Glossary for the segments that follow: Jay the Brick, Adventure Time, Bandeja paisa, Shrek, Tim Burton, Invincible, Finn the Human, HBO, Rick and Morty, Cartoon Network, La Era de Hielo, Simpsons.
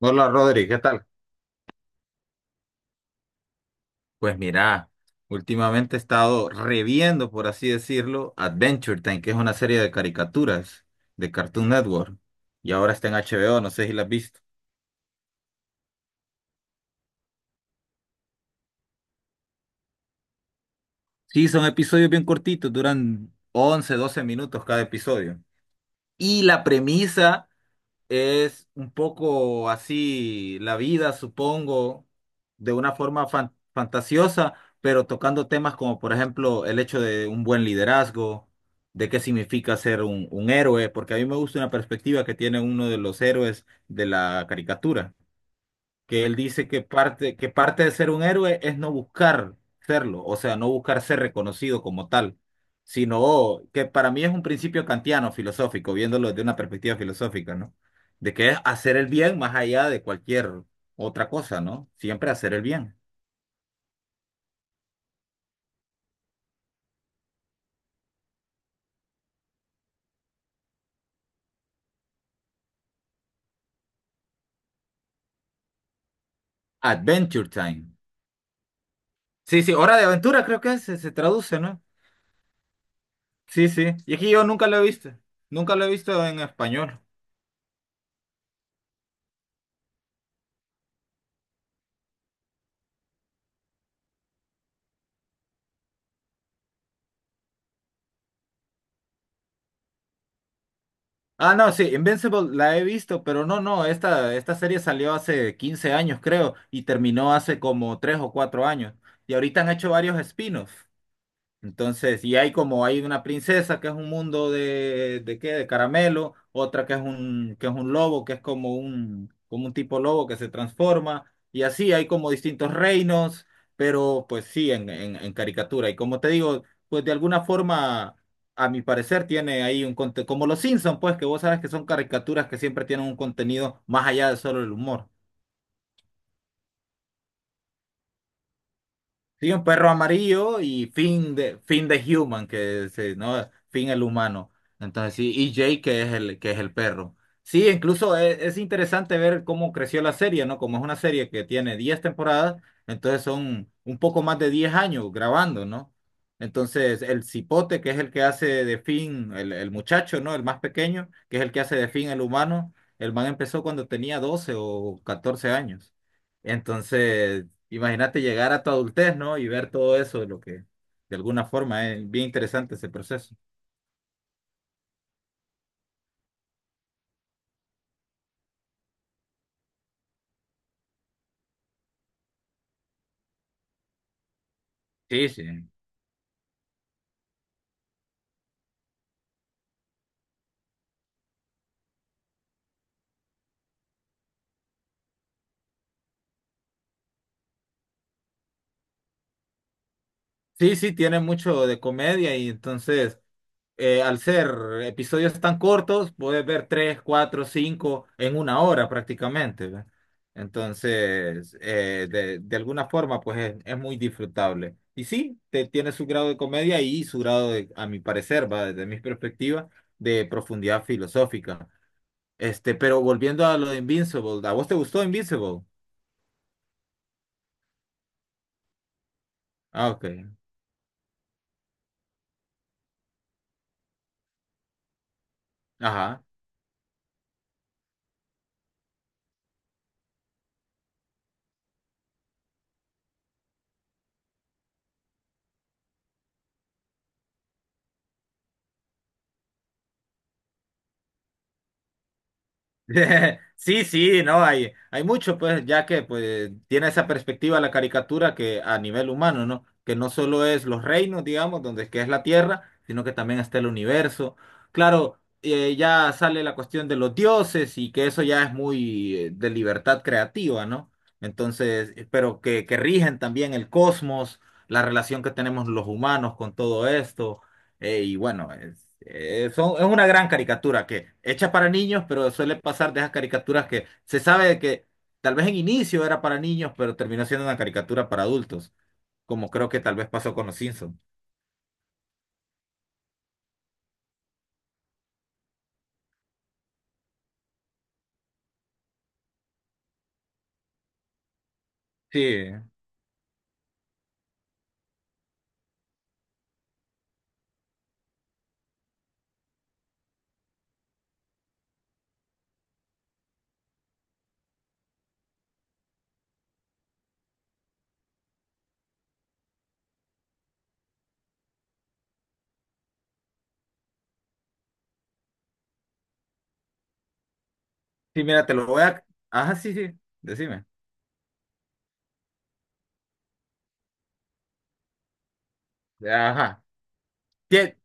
Hola Rodri, ¿qué tal? Pues mira, últimamente he estado reviendo, por así decirlo, Adventure Time, que es una serie de caricaturas de Cartoon Network. Y ahora está en HBO, no sé si la has visto. Sí, son episodios bien cortitos, duran 11, 12 minutos cada episodio. Y la premisa es un poco así la vida, supongo, de una forma fantasiosa, pero tocando temas como, por ejemplo, el hecho de un buen liderazgo, de qué significa ser un héroe, porque a mí me gusta una perspectiva que tiene uno de los héroes de la caricatura que él dice que parte de ser un héroe es no buscar serlo, o sea, no buscar ser reconocido como tal, sino que para mí es un principio kantiano filosófico, viéndolo desde una perspectiva filosófica, ¿no? De que es hacer el bien más allá de cualquier otra cosa, ¿no? Siempre hacer el bien. Adventure Time. Sí, sí, Hora de Aventura creo que se traduce, ¿no? Sí, sí. Y es que yo nunca lo he visto. Nunca lo he visto en español. Ah, no, sí, Invincible la he visto, pero no, no, esta serie salió hace 15 años, creo, y terminó hace como 3 o 4 años. Y ahorita han hecho varios spin-offs. Entonces, hay una princesa que es un mundo de caramelo, otra que es un lobo, que es como un tipo lobo que se transforma, y así hay como distintos reinos, pero pues sí, en caricatura. Y como te digo, pues de alguna forma, a mi parecer, tiene ahí un contenido, como los Simpsons, pues que vos sabes que son caricaturas que siempre tienen un contenido más allá de solo el humor. Sí, un perro amarillo y Finn de Finn the Human, que se, ¿no? Finn el humano. Entonces sí, y Jake que es el perro. Sí, incluso es interesante ver cómo creció la serie, ¿no? Como es una serie que tiene 10 temporadas, entonces son un poco más de 10 años grabando, ¿no? Entonces el cipote, que es el que hace de Finn, el muchacho, ¿no? El más pequeño, que es el que hace de Finn el humano, el man empezó cuando tenía 12 o 14 años. Entonces, imagínate llegar a tu adultez, ¿no? Y ver todo eso, de lo que de alguna forma es bien interesante ese proceso. Sí, sí. Sí, sí, tiene mucho de comedia y entonces, al ser episodios tan cortos, puedes ver tres, cuatro, cinco en una hora prácticamente, ¿ve? Entonces, de alguna forma, pues es muy disfrutable. Y sí, tiene su grado de comedia y su grado de, a mi parecer, va desde mi perspectiva, de profundidad filosófica. Este, pero volviendo a lo de Invincible, ¿a vos te gustó Invincible? Ah, ok. Ajá. Sí, sí, no, hay mucho, pues, ya que pues tiene esa perspectiva la caricatura que a nivel humano, ¿no? Que no solo es los reinos, digamos, donde es que es la Tierra, sino que también está el universo. Claro, ya sale la cuestión de los dioses y que eso ya es muy de libertad creativa, ¿no? Entonces, que rigen también el cosmos, la relación que tenemos los humanos con todo esto, y bueno, es una gran caricatura que hecha para niños, pero suele pasar de esas caricaturas que se sabe que tal vez en inicio era para niños, pero terminó siendo una caricatura para adultos, como creo que tal vez pasó con los Simpsons. Sí, sí, mira, te lo voy a... Ajá, sí, sí, decime. Ajá. Tie-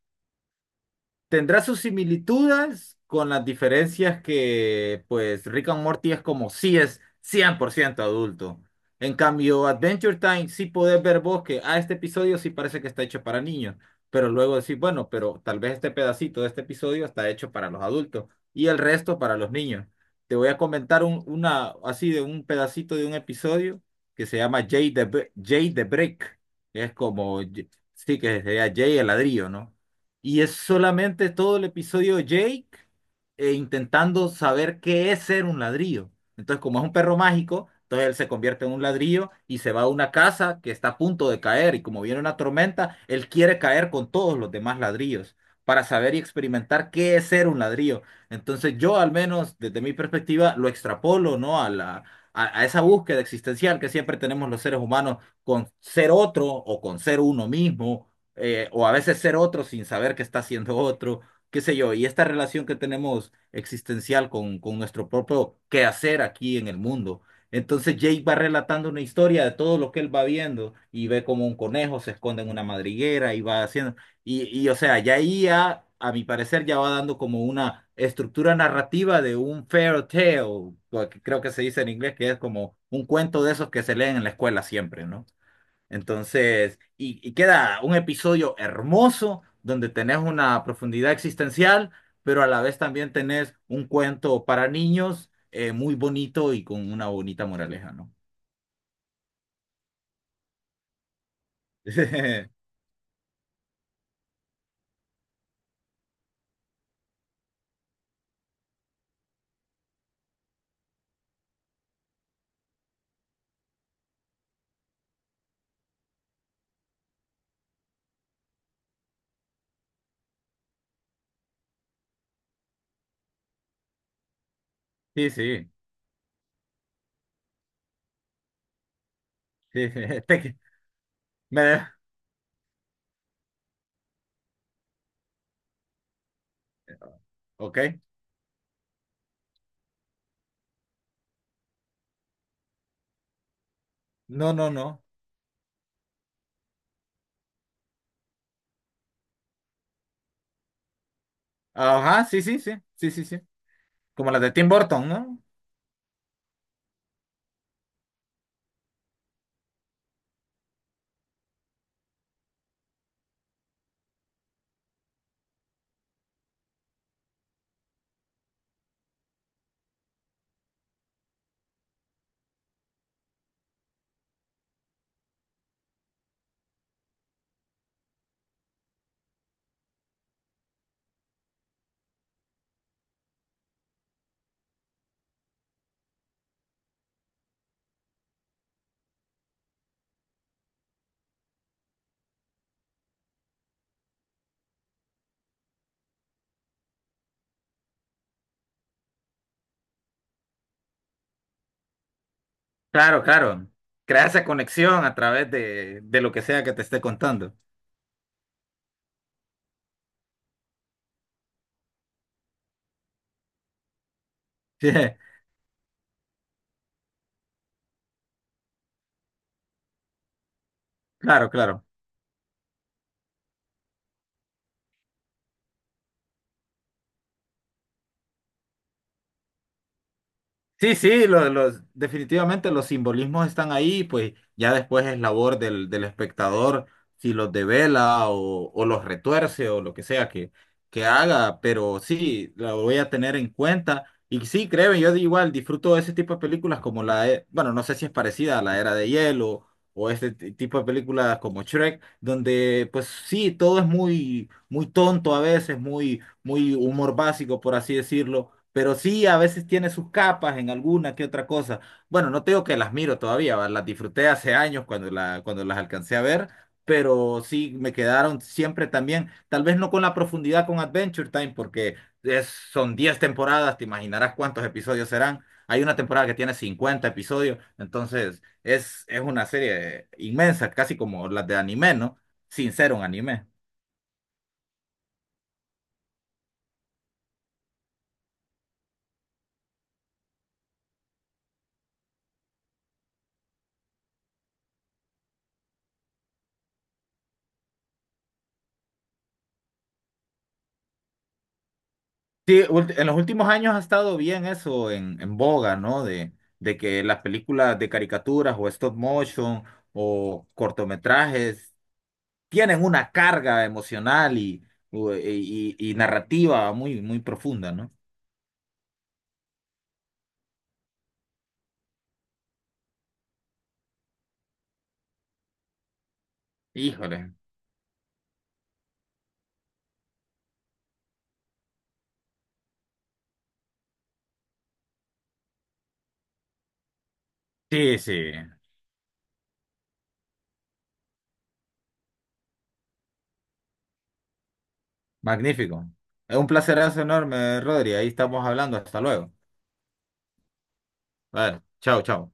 Tendrá sus similitudes con las diferencias que, pues, Rick and Morty es como si es 100 por ciento adulto. En cambio, Adventure Time sí podés ver vos que a este episodio sí parece que está hecho para niños, pero luego decís, bueno, pero tal vez este pedacito de este episodio está hecho para los adultos y el resto para los niños. Te voy a comentar así de un pedacito de un episodio que se llama Jay the Brick. Es como, sí que sería Jay el ladrillo, ¿no? Y es solamente todo el episodio de Jake intentando saber qué es ser un ladrillo. Entonces, como es un perro mágico, entonces él se convierte en un ladrillo y se va a una casa que está a punto de caer. Y como viene una tormenta, él quiere caer con todos los demás ladrillos para saber y experimentar qué es ser un ladrillo. Entonces, yo al menos desde mi perspectiva lo extrapolo, ¿no? A esa búsqueda existencial que siempre tenemos los seres humanos con ser otro o con ser uno mismo o a veces ser otro sin saber que está siendo otro, qué sé yo, y esta relación que tenemos existencial con nuestro propio quehacer aquí en el mundo. Entonces Jake va relatando una historia de todo lo que él va viendo y ve como un conejo se esconde en una madriguera y va haciendo, o sea, a mi parecer ya va dando como una estructura narrativa de un fairy tale, o que creo que se dice en inglés, que es como un cuento de esos que se leen en la escuela siempre, ¿no? Entonces, queda un episodio hermoso donde tenés una profundidad existencial, pero a la vez también tenés un cuento para niños muy bonito y con una bonita moraleja, ¿no? Sí, sí, sí, sí. Te- me- ok. No, no, no. Ajá, sí, sí, sí, sí, sí, sí. Como las de Tim Burton, ¿no? Claro, claro. Crea esa conexión a través de lo que sea que te esté contando. Sí, claro, claro. Sí, sí, definitivamente los simbolismos están ahí, pues ya después es labor del espectador si los devela o los retuerce o lo que sea que haga, pero sí, lo voy a tener en cuenta. Y sí, créeme, yo de igual disfruto de ese tipo de películas como bueno, no sé si es parecida a La Era de Hielo o este tipo de películas como Shrek, donde pues sí, todo es muy, muy tonto a veces, muy, muy humor básico, por así decirlo, pero sí, a veces tiene sus capas en alguna que otra cosa. Bueno, no te digo que las miro todavía, ¿va? Las disfruté hace años cuando las alcancé a ver, pero sí me quedaron siempre también, tal vez no con la profundidad con Adventure Time, porque es, son 10 temporadas, te imaginarás cuántos episodios serán. Hay una temporada que tiene 50 episodios, entonces es una serie inmensa, casi como las de anime, ¿no? Sin ser un anime. Sí, en los últimos años ha estado bien eso en boga, ¿no? De que las películas de caricaturas o stop motion o cortometrajes tienen una carga emocional y narrativa muy, muy profunda, ¿no? Híjole. Sí, sí. Magnífico. Es un placerazo enorme, Rodri. Ahí estamos hablando. Hasta luego. Vale. Chao, chao.